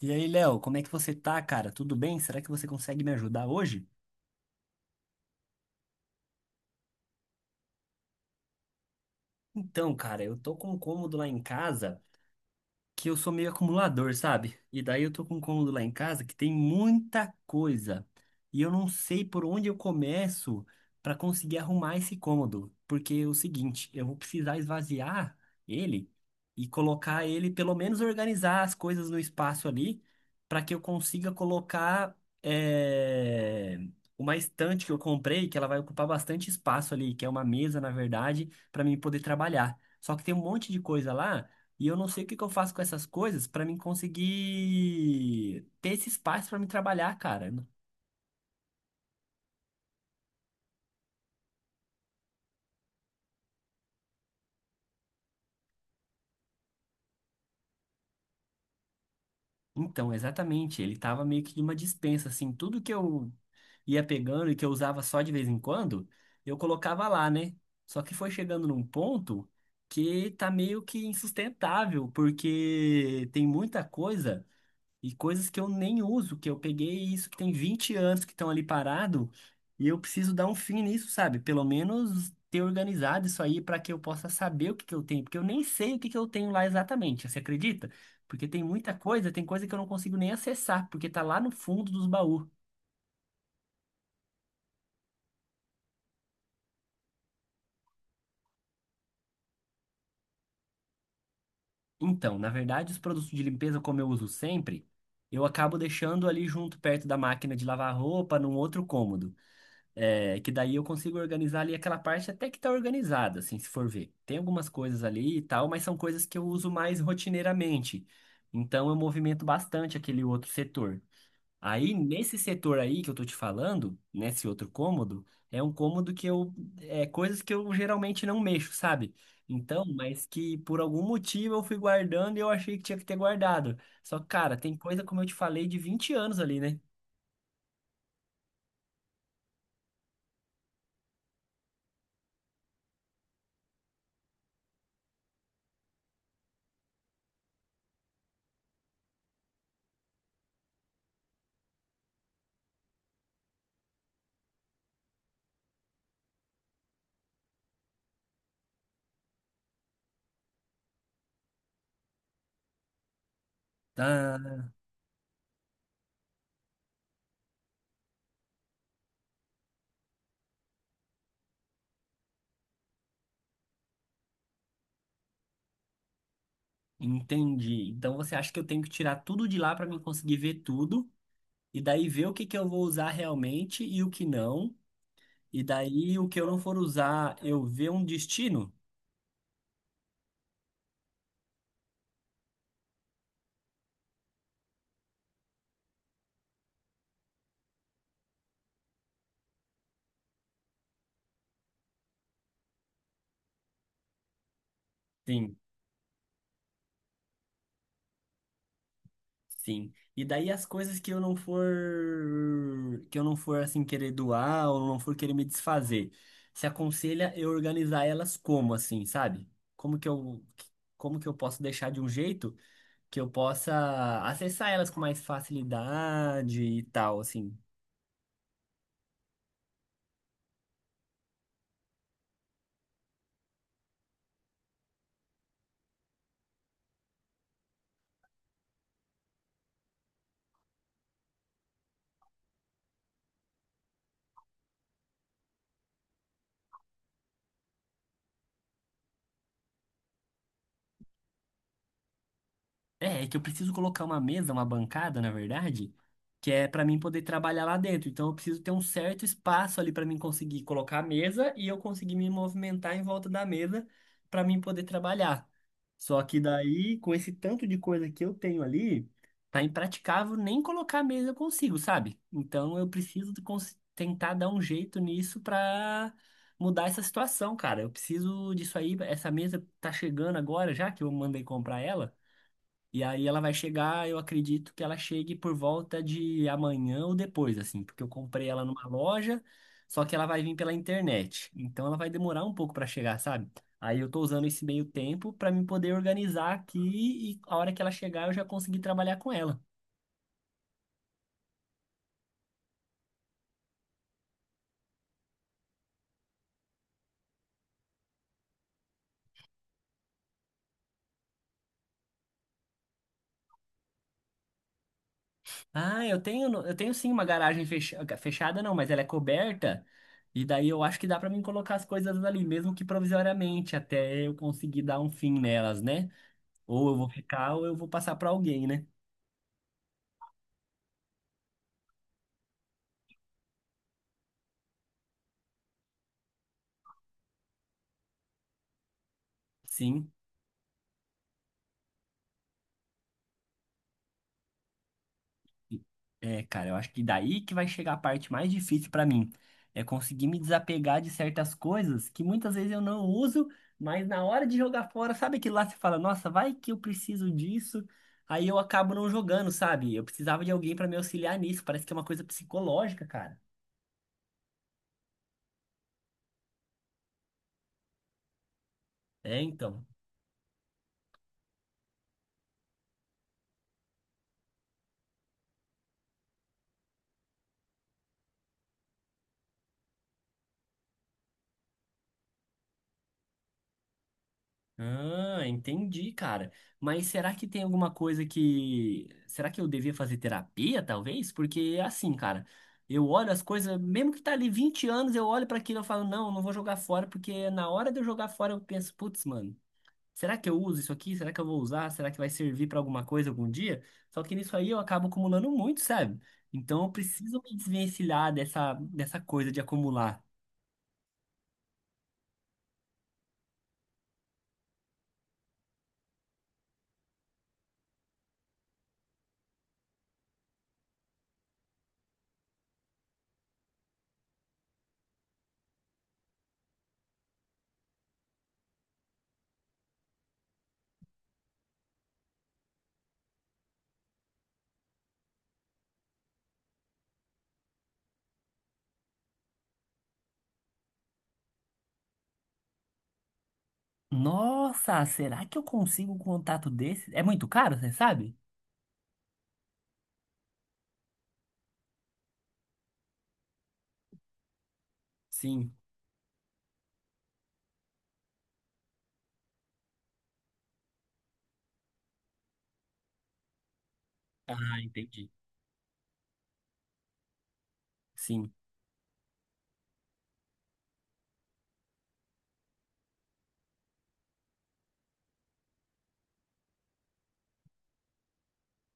E aí, Léo, como é que você tá, cara? Tudo bem? Será que você consegue me ajudar hoje? Então, cara, eu tô com um cômodo lá em casa, que eu sou meio acumulador, sabe? E daí eu tô com um cômodo lá em casa que tem muita coisa. E eu não sei por onde eu começo para conseguir arrumar esse cômodo. Porque é o seguinte, eu vou precisar esvaziar ele e colocar ele, pelo menos organizar as coisas no espaço ali, para que eu consiga colocar eh, uma estante que eu comprei, que ela vai ocupar bastante espaço ali, que é uma mesa, na verdade, para mim poder trabalhar. Só que tem um monte de coisa lá e eu não sei o que que eu faço com essas coisas pra mim conseguir ter esse espaço pra me trabalhar, cara. Então, exatamente, ele tava meio que numa dispensa, assim, tudo que eu ia pegando e que eu usava só de vez em quando, eu colocava lá, né? Só que foi chegando num ponto que tá meio que insustentável, porque tem muita coisa. E coisas que eu nem uso, que eu peguei isso que tem 20 anos que estão ali parado, e eu preciso dar um fim nisso, sabe? Pelo menos ter organizado isso aí para que eu possa saber o que que eu tenho, porque eu nem sei o que que eu tenho lá exatamente, você acredita? Porque tem muita coisa, tem coisa que eu não consigo nem acessar, porque tá lá no fundo dos baús. Então, na verdade, os produtos de limpeza, como eu uso sempre, eu acabo deixando ali junto perto da máquina de lavar roupa, num outro cômodo. É, que daí eu consigo organizar ali aquela parte até que tá organizada, assim, se for ver. Tem algumas coisas ali e tal, mas são coisas que eu uso mais rotineiramente. Então eu movimento bastante aquele outro setor. Aí, nesse setor aí que eu tô te falando, nesse outro cômodo, é um cômodo que eu, é coisas que eu geralmente não mexo, sabe? Então, mas que por algum motivo eu fui guardando e eu achei que tinha que ter guardado. Só que, cara, tem coisa, como eu te falei, de 20 anos ali, né? Tá. Entendi. Então você acha que eu tenho que tirar tudo de lá para mim conseguir ver tudo e daí ver o que que eu vou usar realmente e o que não. E daí o que eu não for usar, eu ver um destino? Sim, sim. E daí as coisas que eu não for assim querer doar ou não for querer me desfazer. Se aconselha eu organizar elas como assim, sabe? Como que eu como que eu posso deixar de um jeito que eu possa acessar elas com mais facilidade e tal, assim. É, é que eu preciso colocar uma mesa, uma bancada, na verdade, que é pra mim poder trabalhar lá dentro. Então eu preciso ter um certo espaço ali pra mim conseguir colocar a mesa e eu conseguir me movimentar em volta da mesa pra mim poder trabalhar. Só que daí, com esse tanto de coisa que eu tenho ali, tá impraticável nem colocar a mesa eu consigo, sabe? Então eu preciso tentar dar um jeito nisso pra mudar essa situação, cara. Eu preciso disso aí, essa mesa tá chegando agora já que eu mandei comprar ela. E aí ela vai chegar, eu acredito que ela chegue por volta de amanhã ou depois, assim, porque eu comprei ela numa loja, só que ela vai vir pela internet. Então ela vai demorar um pouco para chegar, sabe? Aí eu tô usando esse meio tempo para me poder organizar aqui e a hora que ela chegar eu já consegui trabalhar com ela. Ah, eu tenho, eu tenho sim uma garagem fechada, não, mas ela é coberta. E daí eu acho que dá para mim colocar as coisas ali, mesmo que provisoriamente, até eu conseguir dar um fim nelas, né? Ou eu vou ficar ou eu vou passar para alguém, né? Sim, é, cara, eu acho que daí que vai chegar a parte mais difícil pra mim. É conseguir me desapegar de certas coisas que muitas vezes eu não uso, mas na hora de jogar fora, sabe que lá você fala, nossa, vai que eu preciso disso, aí eu acabo não jogando, sabe? Eu precisava de alguém pra me auxiliar nisso, parece que é uma coisa psicológica, cara. É, então. Ah, entendi, cara. Mas será que tem alguma coisa que. Será que eu devia fazer terapia, talvez? Porque, é assim, cara, eu olho as coisas, mesmo que tá ali 20 anos, eu olho pra aquilo e eu falo, não, eu não vou jogar fora, porque na hora de eu jogar fora eu penso, putz, mano, será que eu uso isso aqui? Será que eu vou usar? Será que vai servir pra alguma coisa algum dia? Só que nisso aí eu acabo acumulando muito, sabe? Então eu preciso me desvencilhar dessa coisa de acumular. Nossa, será que eu consigo um contato desse? É muito caro, você sabe? Sim. Ah, entendi. Sim.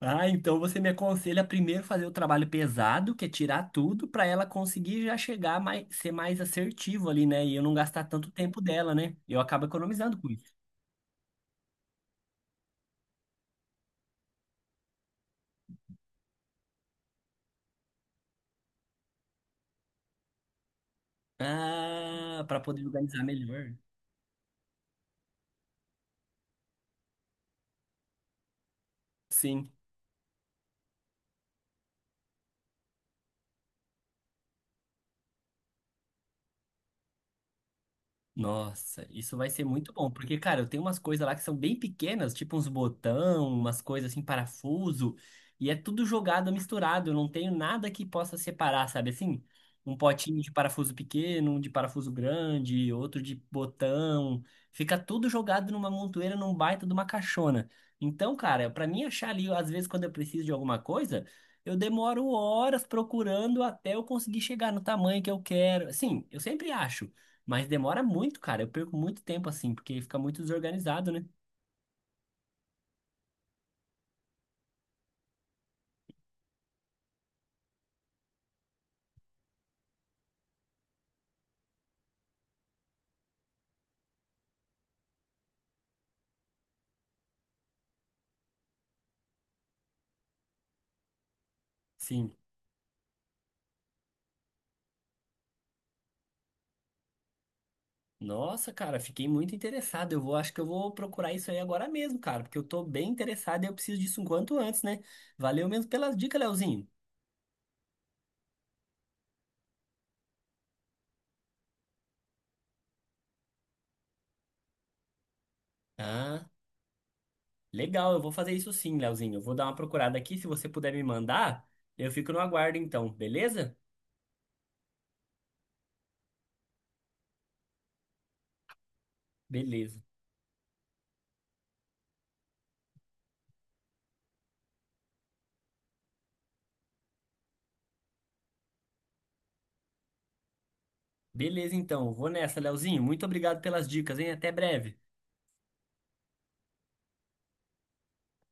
Ah, então você me aconselha primeiro fazer o trabalho pesado, que é tirar tudo, para ela conseguir já chegar mais, ser mais assertivo ali, né? E eu não gastar tanto tempo dela, né? Eu acabo economizando com isso. Ah, para poder organizar melhor. Sim. Nossa, isso vai ser muito bom, porque, cara, eu tenho umas coisas lá que são bem pequenas, tipo uns botão, umas coisas assim, parafuso, e é tudo jogado, misturado, eu não tenho nada que possa separar, sabe assim? Um potinho de parafuso pequeno, um de parafuso grande, outro de botão, fica tudo jogado numa montoeira, num baita de uma caixona. Então, cara, pra mim achar ali, às vezes quando eu preciso de alguma coisa, eu demoro horas procurando até eu conseguir chegar no tamanho que eu quero. Sim, eu sempre acho. Mas demora muito, cara. Eu perco muito tempo assim, porque fica muito desorganizado, né? Sim. Nossa, cara, fiquei muito interessado. Eu vou, acho que eu vou procurar isso aí agora mesmo, cara, porque eu tô bem interessado e eu preciso disso o quanto antes, né? Valeu mesmo pelas dicas, Leozinho. Ah, legal, eu vou fazer isso sim, Leozinho. Eu vou dar uma procurada aqui, se você puder me mandar, eu fico no aguardo então, beleza? Beleza. Beleza, então. Vou nessa, Leozinho. Muito obrigado pelas dicas, hein? Até breve.